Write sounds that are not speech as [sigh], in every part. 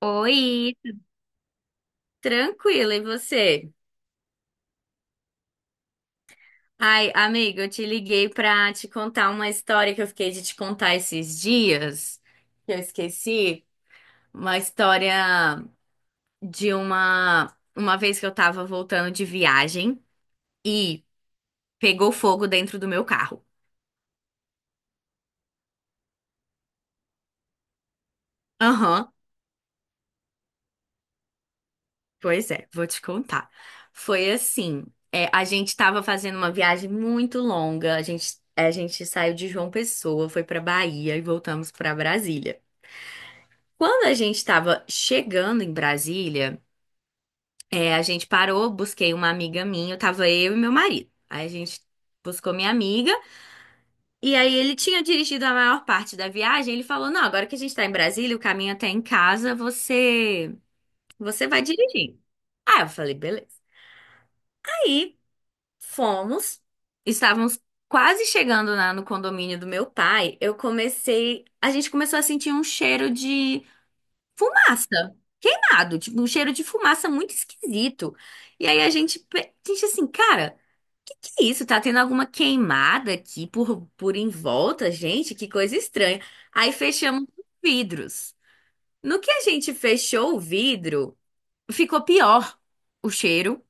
Oi, tranquila, e você? Ai, amiga, eu te liguei pra te contar uma história que eu fiquei de te contar esses dias, que eu esqueci, uma história de uma vez que eu tava voltando de viagem e pegou fogo dentro do meu carro. Aham, pois é, vou te contar. Foi assim, é, a gente tava fazendo uma viagem muito longa, a gente saiu de João Pessoa, foi pra Bahia e voltamos pra Brasília. Quando a gente estava chegando em Brasília, é, a gente parou, busquei uma amiga minha, tava eu e meu marido. Aí a gente buscou minha amiga, e aí ele tinha dirigido a maior parte da viagem. Ele falou: "Não, agora que a gente tá em Brasília, o caminho até em casa, você, você vai dirigir." Ah, eu falei: "Beleza." Aí fomos, estávamos quase chegando lá no condomínio do meu pai. Eu comecei, a gente começou a sentir um cheiro de fumaça. Queimado, tipo, um cheiro de fumaça muito esquisito. E aí a gente assim, cara, que é isso? Tá tendo alguma queimada aqui por em volta, gente? Que coisa estranha. Aí fechamos os vidros. No que a gente fechou o vidro, ficou pior o cheiro.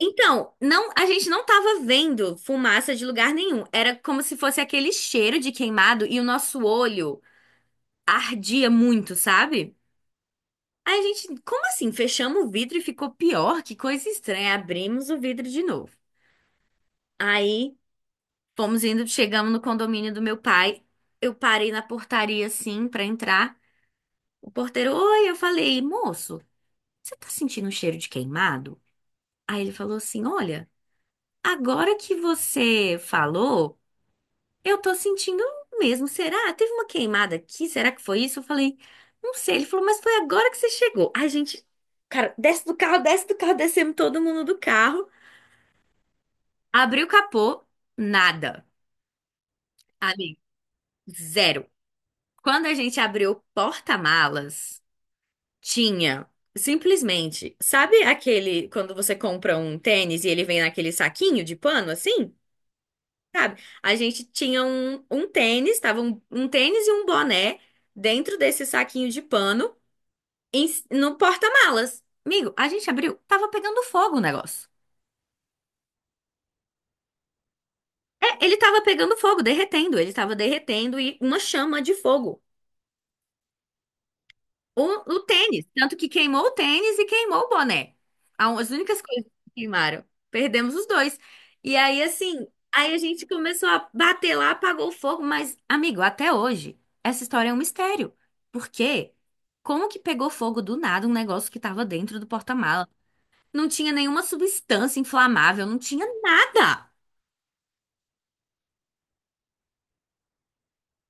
Então, não, a gente não tava vendo fumaça de lugar nenhum. Era como se fosse aquele cheiro de queimado e o nosso olho ardia muito, sabe? Aí a gente, como assim? Fechamos o vidro e ficou pior? Que coisa estranha. Abrimos o vidro de novo. Aí fomos indo, chegamos no condomínio do meu pai. Eu parei na portaria assim pra entrar. O porteiro, oi, eu falei, moço, você tá sentindo um cheiro de queimado? Aí ele falou assim: olha, agora que você falou. Eu tô sentindo mesmo. Será? Teve uma queimada aqui? Será que foi isso? Eu falei, não sei. Ele falou, mas foi agora que você chegou. Ai, gente, cara, desce do carro, descemos todo mundo do carro. Abriu o capô, nada. Amigo, zero. Quando a gente abriu o porta-malas, tinha simplesmente, sabe aquele quando você compra um tênis e ele vem naquele saquinho de pano assim? Sabe? A gente tinha um tênis, tava um tênis e um boné dentro desse saquinho de pano no porta-malas. Amigo, a gente abriu, tava pegando fogo o negócio. É, ele tava pegando fogo, derretendo, ele tava derretendo e uma chama de fogo. O, o tênis, tanto que queimou o tênis e queimou o boné. A- As únicas coisas que queimaram. Perdemos os dois. E aí, assim, aí a gente começou a bater lá, apagou o fogo, mas, amigo, até hoje, essa história é um mistério. Por quê? Como que pegou fogo do nada um negócio que estava dentro do porta-mala? Não tinha nenhuma substância inflamável, não tinha nada.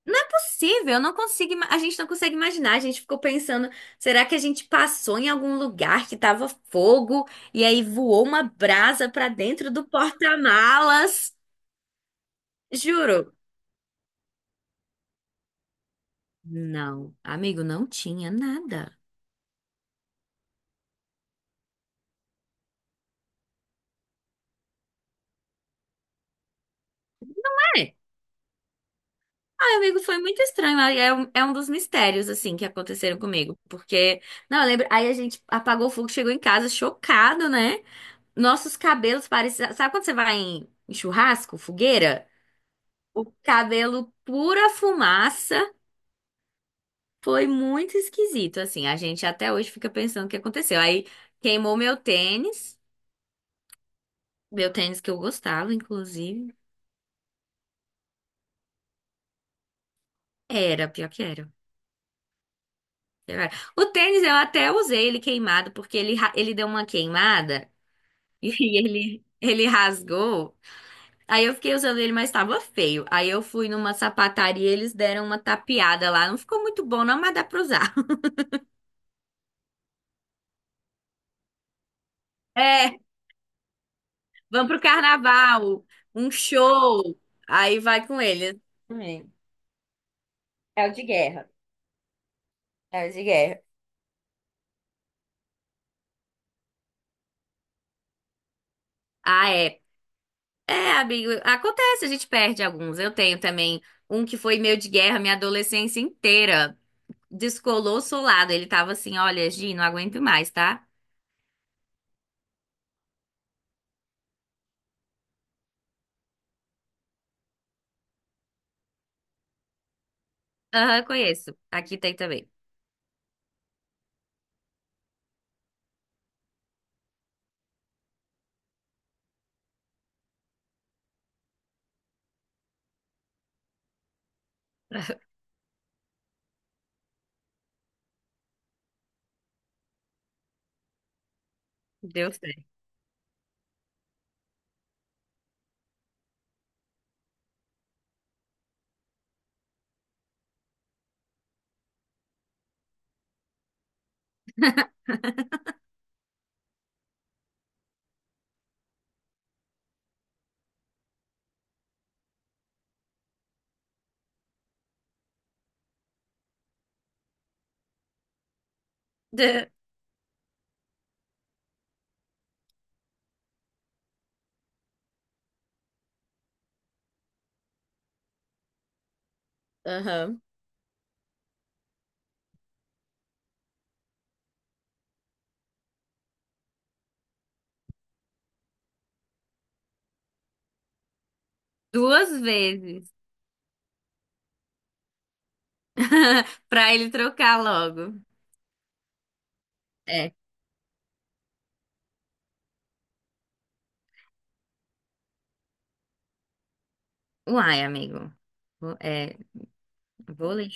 Não é possível, eu não consigo, a gente não consegue imaginar. A gente ficou pensando, será que a gente passou em algum lugar que tava fogo e aí voou uma brasa pra dentro do porta-malas? Juro. Não, amigo, não tinha nada. É. Ai, amigo, foi muito estranho. Aí é um dos mistérios, assim, que aconteceram comigo. Porque, não, eu lembro. Aí a gente apagou o fogo, chegou em casa chocado, né? Nossos cabelos pareciam. Sabe quando você vai em churrasco, fogueira? O cabelo pura fumaça, foi muito esquisito, assim. A gente até hoje fica pensando o que aconteceu. Aí queimou meu tênis que eu gostava, inclusive. Era, pior que era. Era. O tênis eu até usei ele queimado, porque ele, ele deu uma queimada [laughs] e ele rasgou. Aí eu fiquei usando ele, mas tava feio. Aí eu fui numa sapataria, eles deram uma tapeada lá. Não ficou muito bom, não, mas dá pra usar. [laughs] É, vamos pro carnaval, um show. Aí vai com ele. Hum, É o de guerra. É o de guerra. Ah, é. É, amigo, acontece, a gente perde alguns. Eu tenho também um que foi meu de guerra minha adolescência inteira. Descolou solado. Ele tava assim: olha, Gi, não aguento mais, tá? Aham, conheço. Aqui tem também. Deu certo. [laughs] Aham. Duas vezes. [laughs] Pra ele trocar logo. É. Uai, amigo. É, vôlei.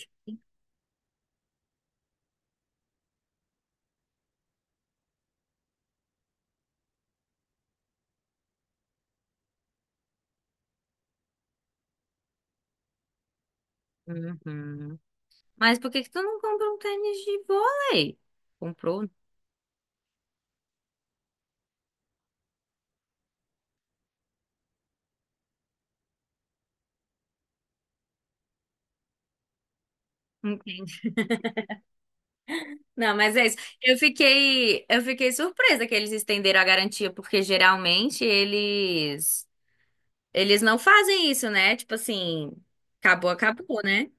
Uhum. Mas por que que tu não comprou um tênis de vôlei? Comprou? Entendi. Não, mas é isso. Eu fiquei surpresa que eles estenderam a garantia, porque geralmente eles não fazem isso, né? Tipo assim, acabou, acabou, né?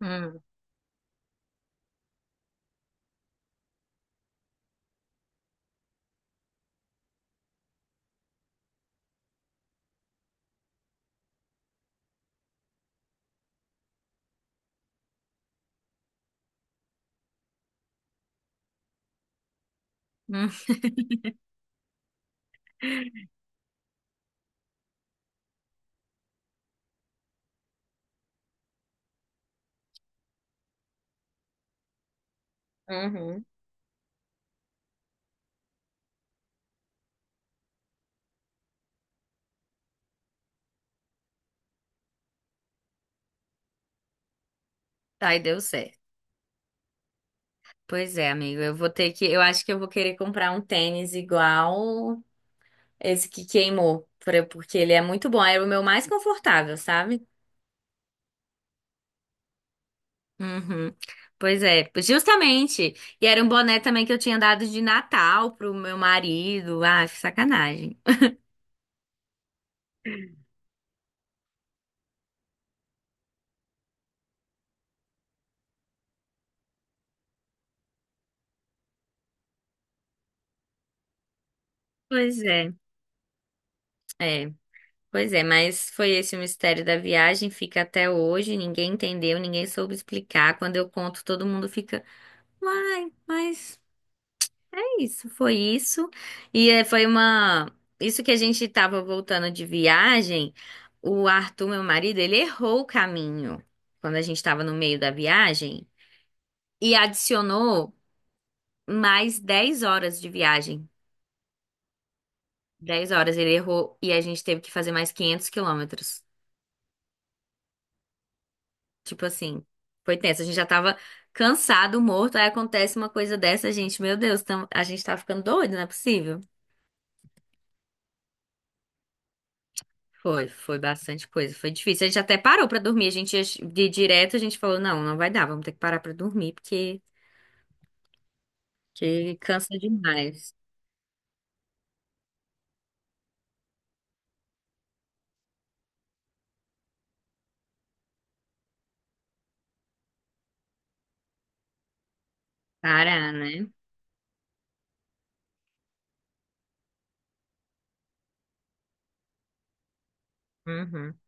Hum. Hum. Uhum. Aí deu certo. Pois é, amigo, eu vou ter que, eu acho que eu vou querer comprar um tênis igual esse que queimou, pra- porque ele é muito bom, era o meu mais confortável, sabe? Uhum. Pois é, justamente. E era um boné também que eu tinha dado de Natal pro meu marido. Ah, que sacanagem. Pois é, é, pois é, mas foi esse o mistério da viagem, fica até hoje, ninguém entendeu, ninguém soube explicar. Quando eu conto, todo mundo fica, uai, mas é isso, foi isso. E é, foi uma. Isso que a gente tava voltando de viagem, o Arthur, meu marido, ele errou o caminho quando a gente tava no meio da viagem. E adicionou mais 10 horas de viagem. 10 horas ele errou e a gente teve que fazer mais 500 quilômetros. Tipo assim, foi tenso. A gente já tava cansado, morto. Aí acontece uma coisa dessa, gente. Meu Deus, a gente tá ficando doido, não é possível? Foi bastante coisa. Foi difícil. A gente até parou pra dormir. A gente ia de direto, a gente falou: não, não vai dar, vamos ter que parar pra dormir, porque que cansa demais. Parar, né? Uhum.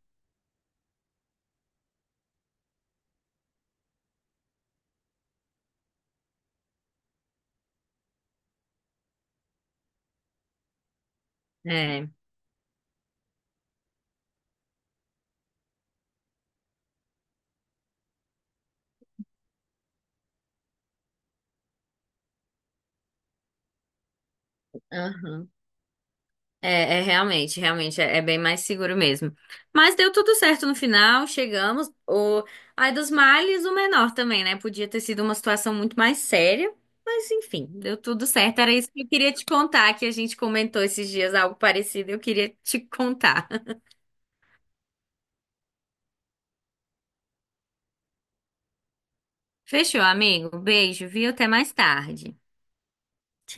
É. Aham. É, realmente, realmente, é bem mais seguro mesmo. Mas deu tudo certo no final, chegamos. O... Ai, dos males, o menor também, né? Podia ter sido uma situação muito mais séria, mas enfim, deu tudo certo. Era isso que eu queria te contar, que a gente comentou esses dias algo parecido, eu queria te contar. [laughs] Fechou, amigo? Beijo, viu? Até mais tarde.